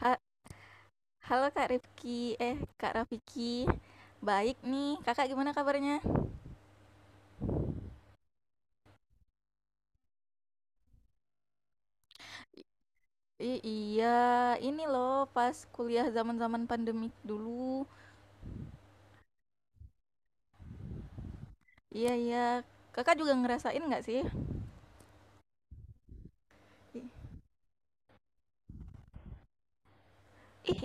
Ha- Halo Kak Rifki, eh Kak Rafiki, baik nih. Kakak gimana kabarnya? Iya, ini loh pas kuliah zaman-zaman pandemik dulu. Iya, iya, Kakak juga ngerasain nggak sih? I- Ih,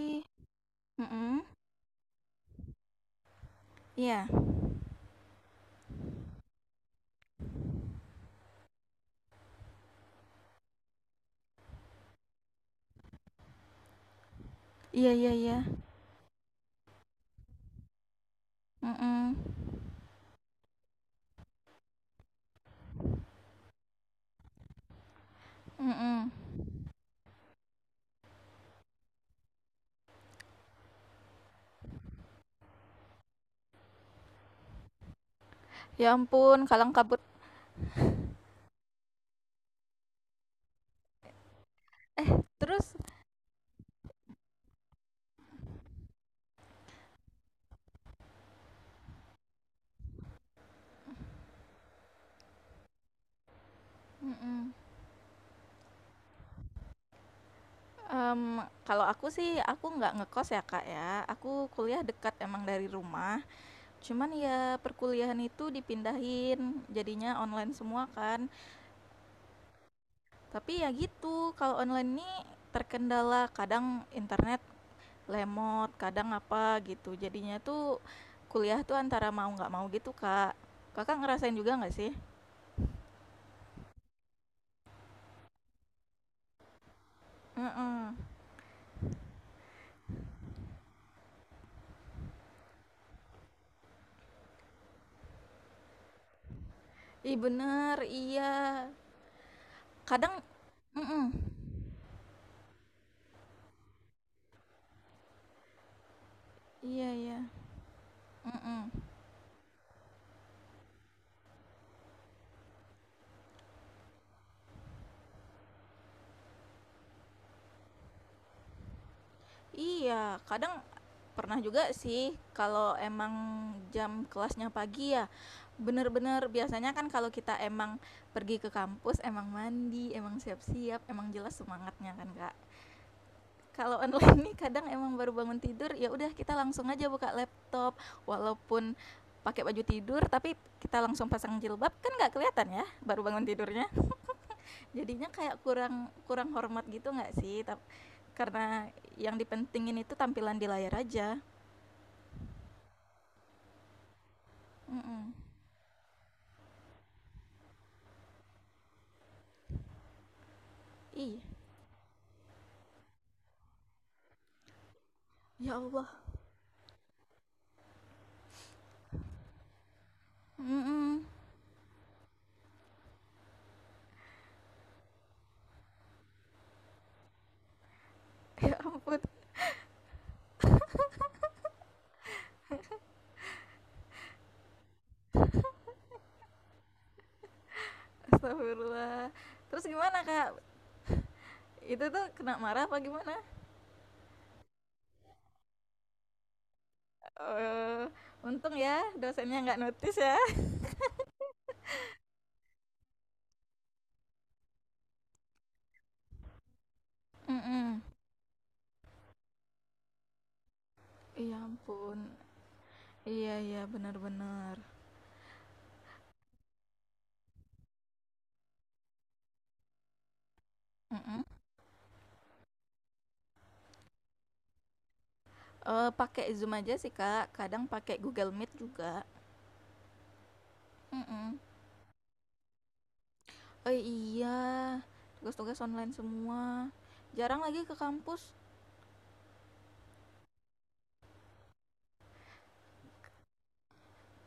ih, mm-mm. Iya, iya, iya, iya, mm-mm, mm-mm. Ya ampun, kalang kabut. Eh, terus, mm-mm. Em, Kalau aku sih, aku nggak ngekos ya Kak ya. Aku kuliah dekat emang dari rumah. Cuman ya perkuliahan itu dipindahin, jadinya online semua kan. Tapi ya gitu, kalau online ini terkendala kadang internet lemot, kadang apa gitu. Jadinya tuh kuliah tuh antara mau nggak mau gitu, Kak. Kakak ngerasain juga nggak sih? Heeh. Ih bener, iya. Kadang, mm iya, iya, mm. Iya, kadang pernah juga sih kalau emang jam kelasnya pagi ya, bener-bener biasanya kan kalau kita emang pergi ke kampus, emang mandi, emang siap-siap, emang jelas semangatnya kan, Kak. Kalau online nih kadang emang baru bangun tidur, ya udah kita langsung aja buka laptop walaupun pakai baju tidur, tapi kita langsung pasang jilbab kan nggak kelihatan ya baru bangun tidurnya. Jadinya kayak kurang kurang hormat gitu nggak sih? Karena yang dipentingin itu tampilan di layar aja. Mhm. Iya. Ya Allah. Mhm. Ya ampun. Astagfirullah. Terus gimana, Kak? Itu tuh kena marah apa gimana? Eee, Untung ya dosennya nggak notice ya. Mhm. Ya ampun. Iya, iya, benar, benar. Mhm. Pakai Zoom aja sih, Kak. Kadang pakai Google Meet juga. Mhm. Eh iya, tugas-tugas online semua. Jarang lagi ke kampus,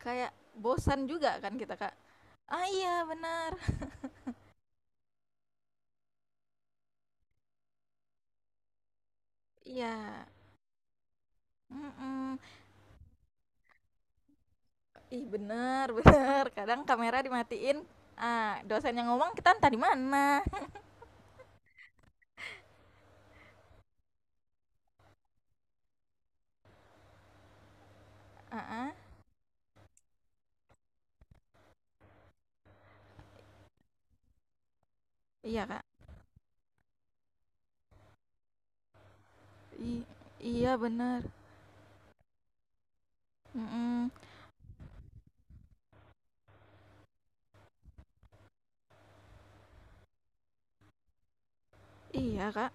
kayak bosan juga kan kita, Kak. Ah iya, benar. Iya. Mm-mm. Ih, benar, benar. Kadang kamera dimatiin. Ah, dosen yang ngomong kita entah di mana. Ah, ah. Iya, Kak. I- iya, benar. Mm-mm. Iya, Kak.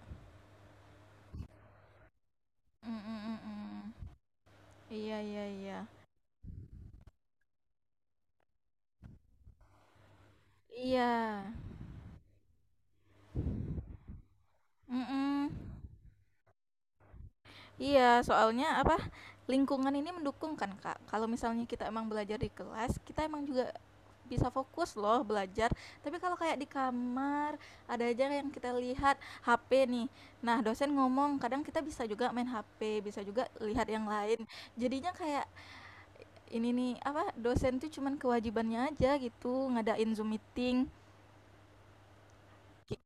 Mm-mm, iya, iya, iya. Iya. Mm-mm. Iya, soalnya apa, lingkungan ini mendukung kan, Kak. Kalau misalnya kita emang belajar di kelas, kita emang juga bisa fokus loh belajar. Tapi kalau kayak di kamar, ada aja yang kita lihat HP nih. Nah, dosen ngomong, kadang kita bisa juga main HP, bisa juga lihat yang lain. Jadinya kayak ini nih, apa, dosen tuh cuman kewajibannya aja gitu, ngadain Zoom meeting. Ki-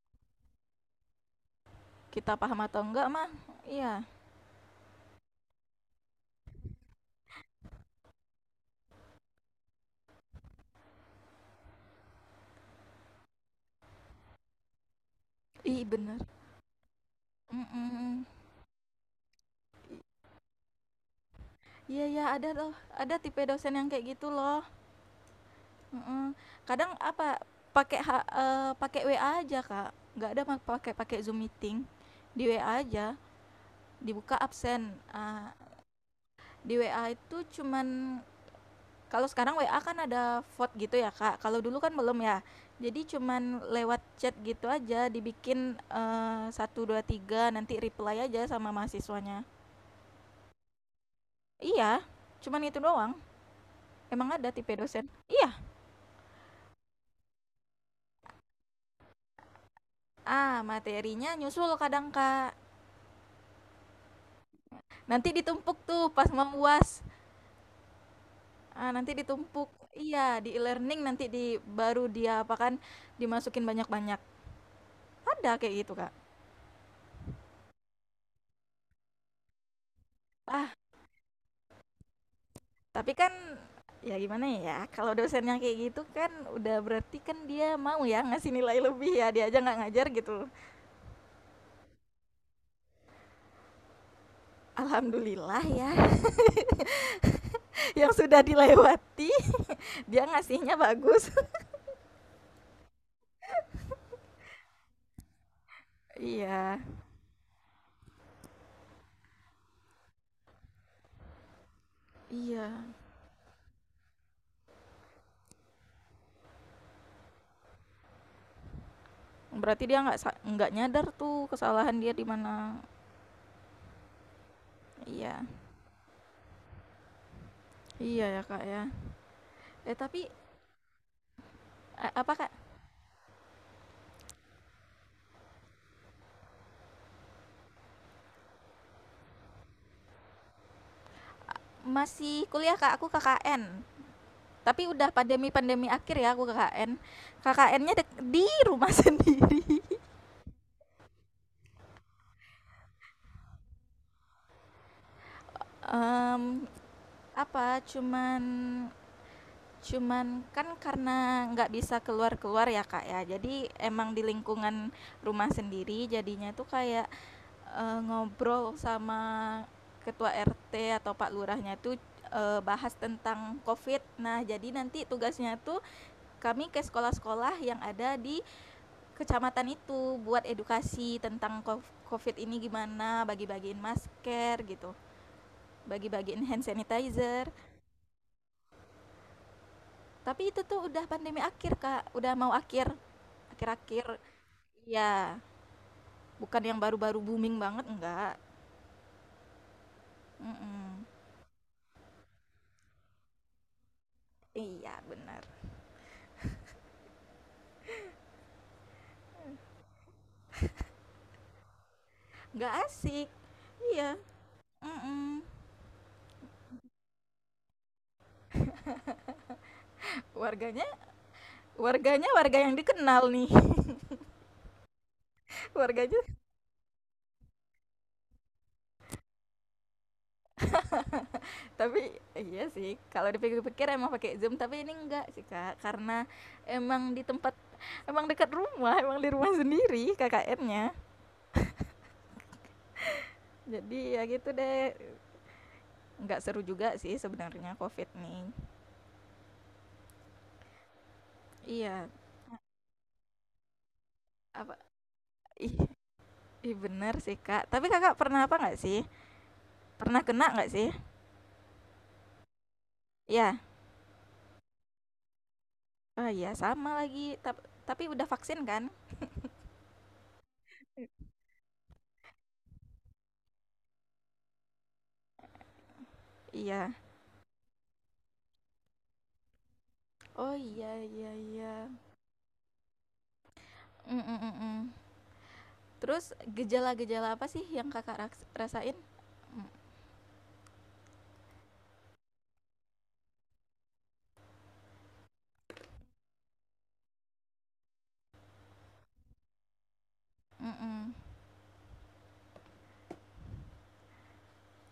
Kita paham atau enggak mah? Iya. Ih, bener. Mm-mm. Iya ya ada loh, ada tipe dosen yang kayak gitu loh. Mhm. Kadang apa, pakai WA aja, Kak, nggak ada pakai pakai Zoom meeting, di WA aja, dibuka absen, di WA itu cuman kalau sekarang WA kan ada vote gitu ya, Kak, kalau dulu kan belum ya. Jadi cuman lewat chat gitu aja, dibikin, 1, 2, 3, nanti reply aja sama mahasiswanya. Iya, cuman itu doang, emang ada tipe dosen. Iya. Ah, materinya nyusul kadang, Kak. Nanti ditumpuk tuh pas mau UAS. Ah, nanti ditumpuk. Iya, di e-learning nanti di baru dia apa kan dimasukin banyak-banyak. Ada kayak gitu, Kak. Ah, tapi kan ya gimana ya, kalau dosennya kayak gitu kan udah berarti kan dia mau ya ngasih nilai lebih ya, dia aja nggak ngajar gitu. Alhamdulillah ya, yang sudah dilewati dia ngasihnya bagus. Iya. Iya. Berarti dia nggak nyadar tuh kesalahan dia di mana. Iya, iya ya, Kak, ya. Eh, tapi, apa, Kak, masih kuliah, Kak, aku KKN, tapi udah pandemi-pandemi akhir ya aku KKN. KKN-nya di rumah sendiri, mmm, apa, cuman cuman kan karena nggak bisa keluar-keluar ya, Kak, ya, jadi emang di lingkungan rumah sendiri jadinya tuh kayak, ngobrol sama ketua RT atau pak lurahnya tuh, bahas tentang COVID. Nah, jadi nanti tugasnya tuh kami ke sekolah-sekolah yang ada di kecamatan itu buat edukasi tentang COVID ini gimana, bagi-bagiin masker gitu, bagi-bagiin hand sanitizer. Tapi itu tuh udah pandemi akhir, Kak. Udah mau akhir. Akhir-akhir. Iya, bukan yang baru-baru booming banget enggak. Mm-mm. Iya, benar. Enggak asik. Iya. Mm-mm. Warganya, warganya warga yang dikenal nih. warganya. Tapi iya sih, kalau dipikir-pikir emang pakai Zoom, tapi ini enggak sih, Kak. Karena emang di tempat emang dekat rumah, emang di rumah sendiri KKN-nya. Jadi ya gitu deh. Enggak seru juga sih sebenarnya COVID nih. Iya, apa ih, ih bener sih, Kak. Tapi Kakak pernah apa nggak sih? Pernah kena nggak sih? Iya. Oh iya, sama lagi. Tapi udah vaksin kan? Iya. Oh iya, iya, iya. Mm, mm, mm, mm. Terus gejala-gejala apa sih yang Kakak rasain? Mhm.